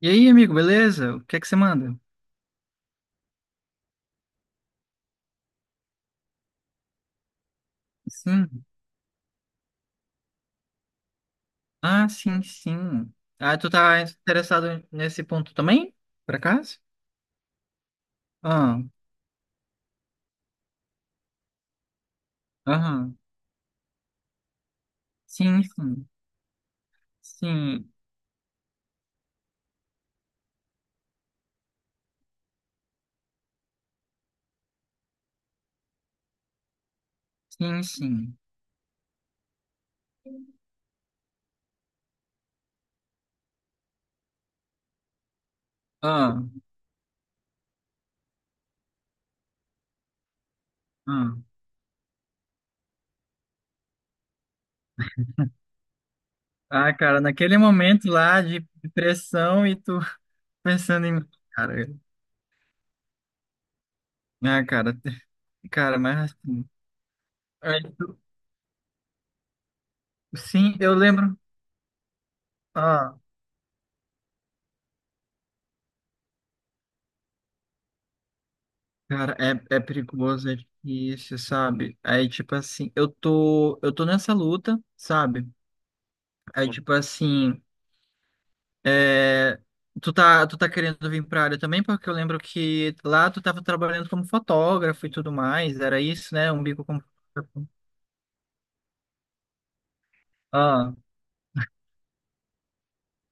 E aí, amigo, beleza? O que é que você manda? Sim. Ah, sim, sim. Ah, tu tá interessado nesse ponto também? Por acaso? Ah, aham. Sim, sim. Sim, sim, sim. Ah, ah. Ah, cara, naquele momento lá de pressão e tu pensando em. Cara, ah, cara, cara, mas assim. aí tu- Sim, eu lembro. Ah. Cara, é perigoso, é difícil, sabe? Aí, tipo assim, eu tô nessa luta, sabe? Aí, tipo assim, é, tu tá querendo vir pra área também, porque eu lembro que lá tu tava trabalhando como fotógrafo e tudo mais, era isso, né? Um bico como fotógrafo. Ah,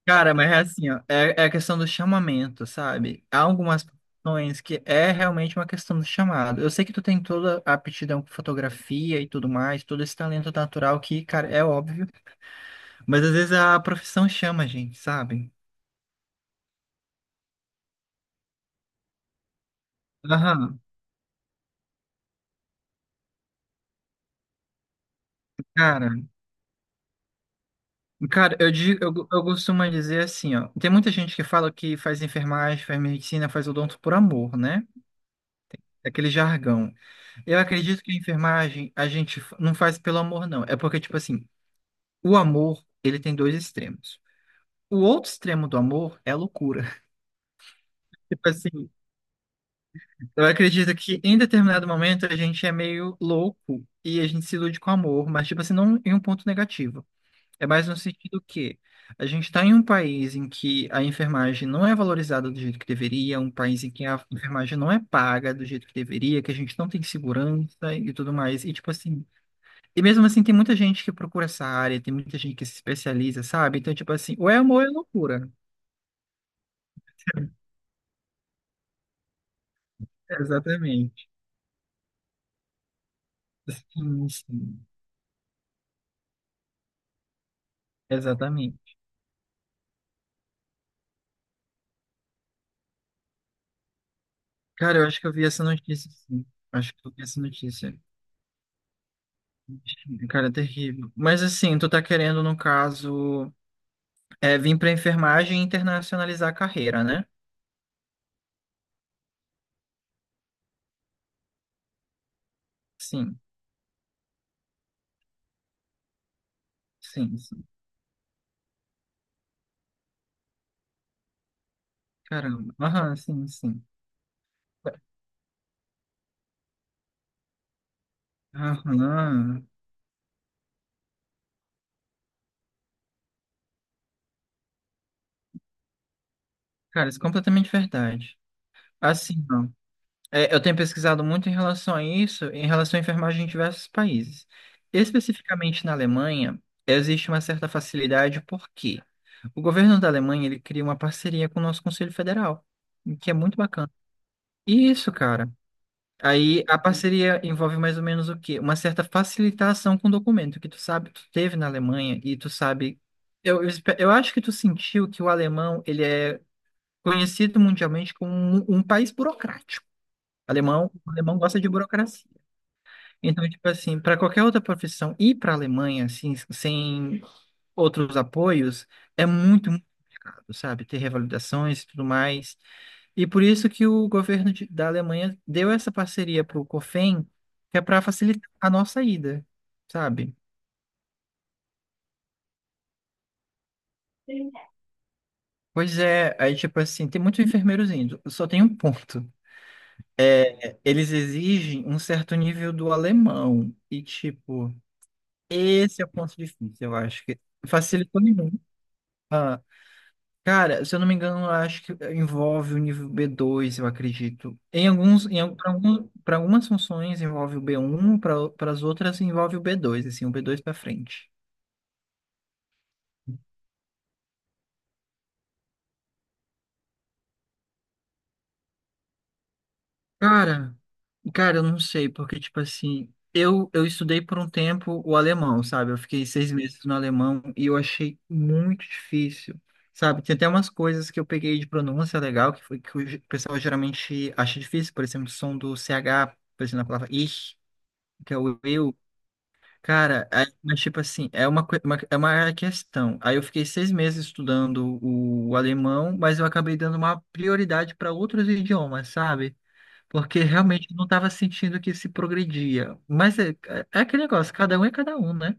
cara, mas é assim, ó, é, é a questão do chamamento, sabe? Há algumas profissões que é realmente uma questão do chamado. Eu sei que tu tem toda a aptidão com fotografia e tudo mais, todo esse talento natural que, cara, é óbvio. Mas às vezes a profissão chama a gente, sabe? Aham, cara. Cara, eu costumo dizer assim, ó. Tem muita gente que fala que faz enfermagem, faz medicina, faz odonto por amor, né? É aquele jargão. Eu acredito que a enfermagem a gente não faz pelo amor, não. É porque, tipo assim, o amor, ele tem dois extremos. O outro extremo do amor é a loucura. Tipo assim, eu acredito que em determinado momento a gente é meio louco e a gente se ilude com amor, mas, tipo assim, não em um ponto negativo. É mais no sentido que a gente está em um país em que a enfermagem não é valorizada do jeito que deveria, um país em que a enfermagem não é paga do jeito que deveria, que a gente não tem segurança e tudo mais. E tipo assim, e mesmo assim tem muita gente que procura essa área, tem muita gente que se especializa, sabe? Então, tipo assim, ou é amor ou é loucura. Exatamente. Sim, sim. Exatamente. Cara, eu acho que eu vi essa notícia, sim. Acho que eu vi essa notícia. Cara, é terrível. Mas assim, tu tá querendo, no caso. É, vim para enfermagem e internacionalizar a carreira, né? Sim, sim, sim. Caramba. Aham, sim, sim. Aham. Cara, isso é completamente verdade. Assim, não. É, eu tenho pesquisado muito em relação a isso, em relação à enfermagem em diversos países. Especificamente na Alemanha, existe uma certa facilidade porque o governo da Alemanha ele cria uma parceria com o nosso Conselho Federal, o que é muito bacana. E isso, cara. Aí a parceria envolve mais ou menos o quê? Uma certa facilitação com o documento que tu sabe, tu teve na Alemanha e tu sabe. Eu acho que tu sentiu que o alemão ele é conhecido mundialmente como um país burocrático. Alemão, o alemão gosta de burocracia. Então, tipo assim, para qualquer outra profissão ir para a Alemanha assim, sem outros apoios, é muito, sabe? Ter revalidações e tudo mais. E por isso que o governo da Alemanha deu essa parceria para o COFEN, que é para facilitar a nossa ida, sabe? Pois é, aí tipo assim, tem muitos enfermeiros indo. Só tem um ponto. É, eles exigem um certo nível do alemão. E tipo, esse é o ponto difícil, eu acho que facilitou nenhum. Cara, se eu não me engano, acho que envolve o nível B2 eu acredito. Em alguns, algum, para algumas funções envolve o B1 para as outras envolve o B2 assim, o B2 para frente. Cara, eu não sei, porque, tipo assim, eu estudei por um tempo o alemão, sabe? Eu fiquei 6 meses no alemão e eu achei muito difícil, sabe? Tem até umas coisas que eu peguei de pronúncia legal, que foi que o pessoal geralmente acha difícil, por exemplo, o som do CH, por exemplo, na palavra ich, que é o eu. Cara, aí- mas tipo assim, é uma, é uma questão. Aí eu fiquei 6 meses estudando o alemão, mas eu acabei dando uma prioridade para outros idiomas, sabe? Porque realmente eu não estava sentindo que se progredia. Mas é aquele negócio, cada um é cada um, né?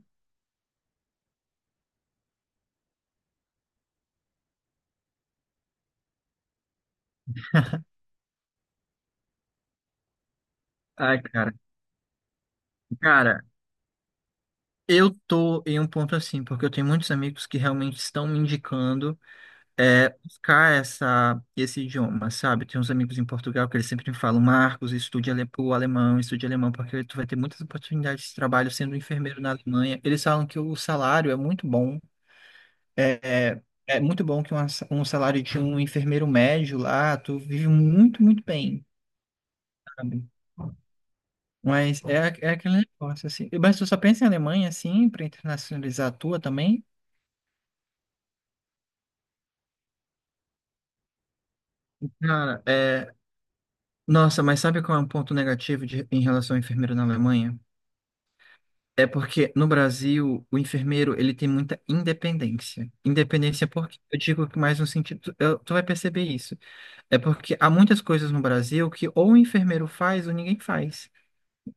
Ai, cara. Cara, eu tô em um ponto assim, porque eu tenho muitos amigos que realmente estão me indicando. É, buscar essa, esse idioma, sabe? Tem uns amigos em Portugal que eles sempre me falam, Marcos, estude o alemão, estude alemão, porque tu vai ter muitas oportunidades de trabalho sendo um enfermeiro na Alemanha. Eles falam que o salário é muito bom, é, é, é muito bom que um salário de um enfermeiro médio lá, tu vive muito, muito bem, sabe? Mas é, é aquele negócio, assim. Mas tu só pensa em Alemanha, assim, para internacionalizar a tua também? Cara, é... Nossa, mas sabe qual é um ponto negativo em relação ao enfermeiro na Alemanha? É porque no Brasil o enfermeiro ele tem muita independência. Independência porque eu digo que mais no sentido, eu- tu vai perceber isso. É porque há muitas coisas no Brasil que ou o enfermeiro faz ou ninguém faz.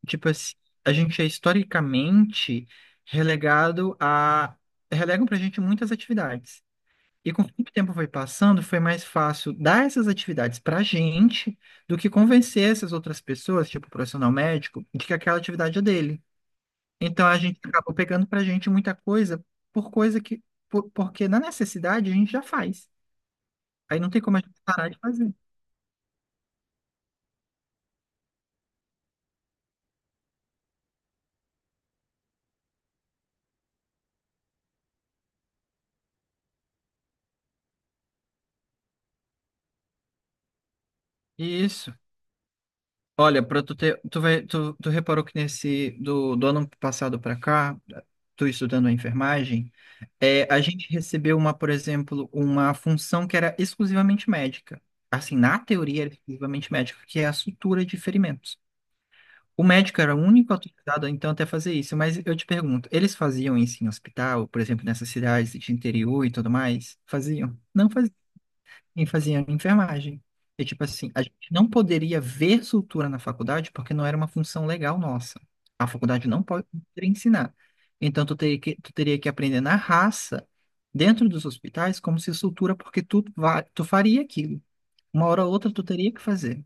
Tipo assim, a gente é historicamente relegado a relegam pra gente muitas atividades. E conforme o tempo foi passando, foi mais fácil dar essas atividades pra gente do que convencer essas outras pessoas, tipo o profissional médico, de que aquela atividade é dele. Então a gente acaba pegando pra gente muita coisa por coisa que porque na necessidade a gente já faz. Aí não tem como a gente parar de fazer. Isso. Olha, para tu ter, tu vai, tu, tu reparou que nesse do ano passado pra cá, tu estudando a enfermagem, é, a gente recebeu uma, por exemplo, uma função que era exclusivamente médica. Assim, na teoria era exclusivamente médica, que é a sutura de ferimentos. O médico era o único autorizado, então, até fazer isso. Mas eu te pergunto, eles faziam isso em hospital, por exemplo, nessas cidades de interior e tudo mais? Faziam? Não faziam. E faziam em enfermagem. E, tipo assim, a gente não poderia ver sutura na faculdade porque não era uma função legal nossa. A faculdade não pode ensinar. Então, tu teria que aprender na raça, dentro dos hospitais, como se sutura, porque tu faria aquilo. Uma hora ou outra, tu teria que fazer.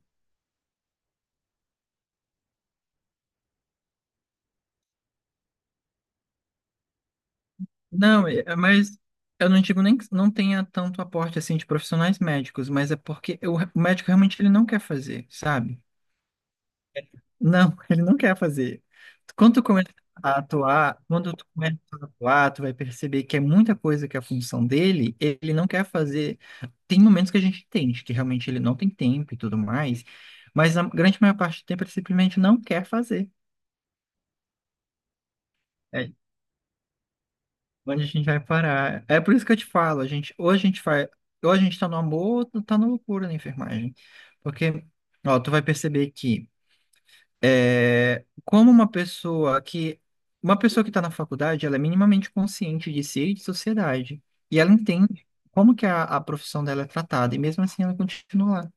Não, mas eu não digo nem que não tenha tanto aporte assim de profissionais médicos, mas é porque o médico realmente ele não quer fazer, sabe? Não, ele não quer fazer. Quando tu começa a atuar, tu vai perceber que é muita coisa que é a função dele, ele não quer fazer. Tem momentos que a gente entende que realmente ele não tem tempo e tudo mais, mas a grande maior parte do tempo ele simplesmente não quer fazer. É, onde a gente vai parar? É por isso que eu te falo, a gente, ou a gente faz, ou a gente tá no amor, ou tá na loucura na enfermagem. Porque, ó, tu vai perceber que é, como uma pessoa que tá na faculdade, ela é minimamente consciente de si e de sociedade. E ela entende como que a profissão dela é tratada, e mesmo assim ela continua lá.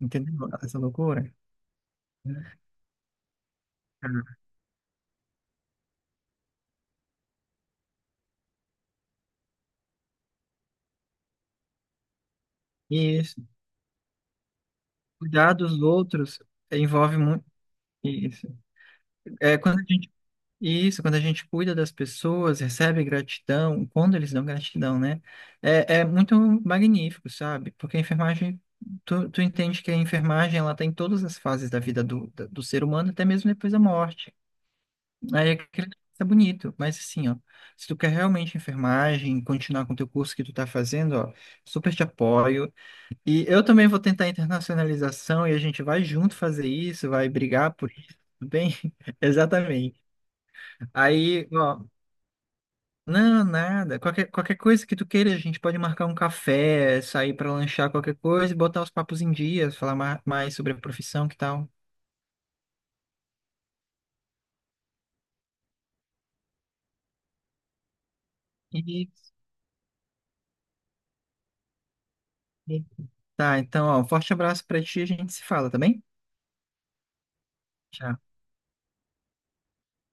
Entendeu? Essa loucura. E isso, cuidar dos outros envolve muito isso. É, quando a gente E isso, quando a gente cuida das pessoas, recebe gratidão, quando eles dão gratidão, né? É, é muito magnífico, sabe? Porque a enfermagem, tu entende que a enfermagem, ela tá em todas as fases da vida do ser humano, até mesmo depois da morte. Aí é aquele é bonito, mas assim, ó, se tu quer realmente enfermagem, continuar com o teu curso que tu tá fazendo, ó, super te apoio. E eu também vou tentar internacionalização e a gente vai junto fazer isso, vai brigar por isso, tudo bem? Exatamente. Aí, ó, não, nada. Qualquer coisa que tu queira, a gente pode marcar um café, sair pra lanchar qualquer coisa e botar os papos em dia, falar mais sobre a profissão, que tal? Isso. Tá, então, ó, um forte abraço pra ti, a gente se fala, tá bem? Tchau.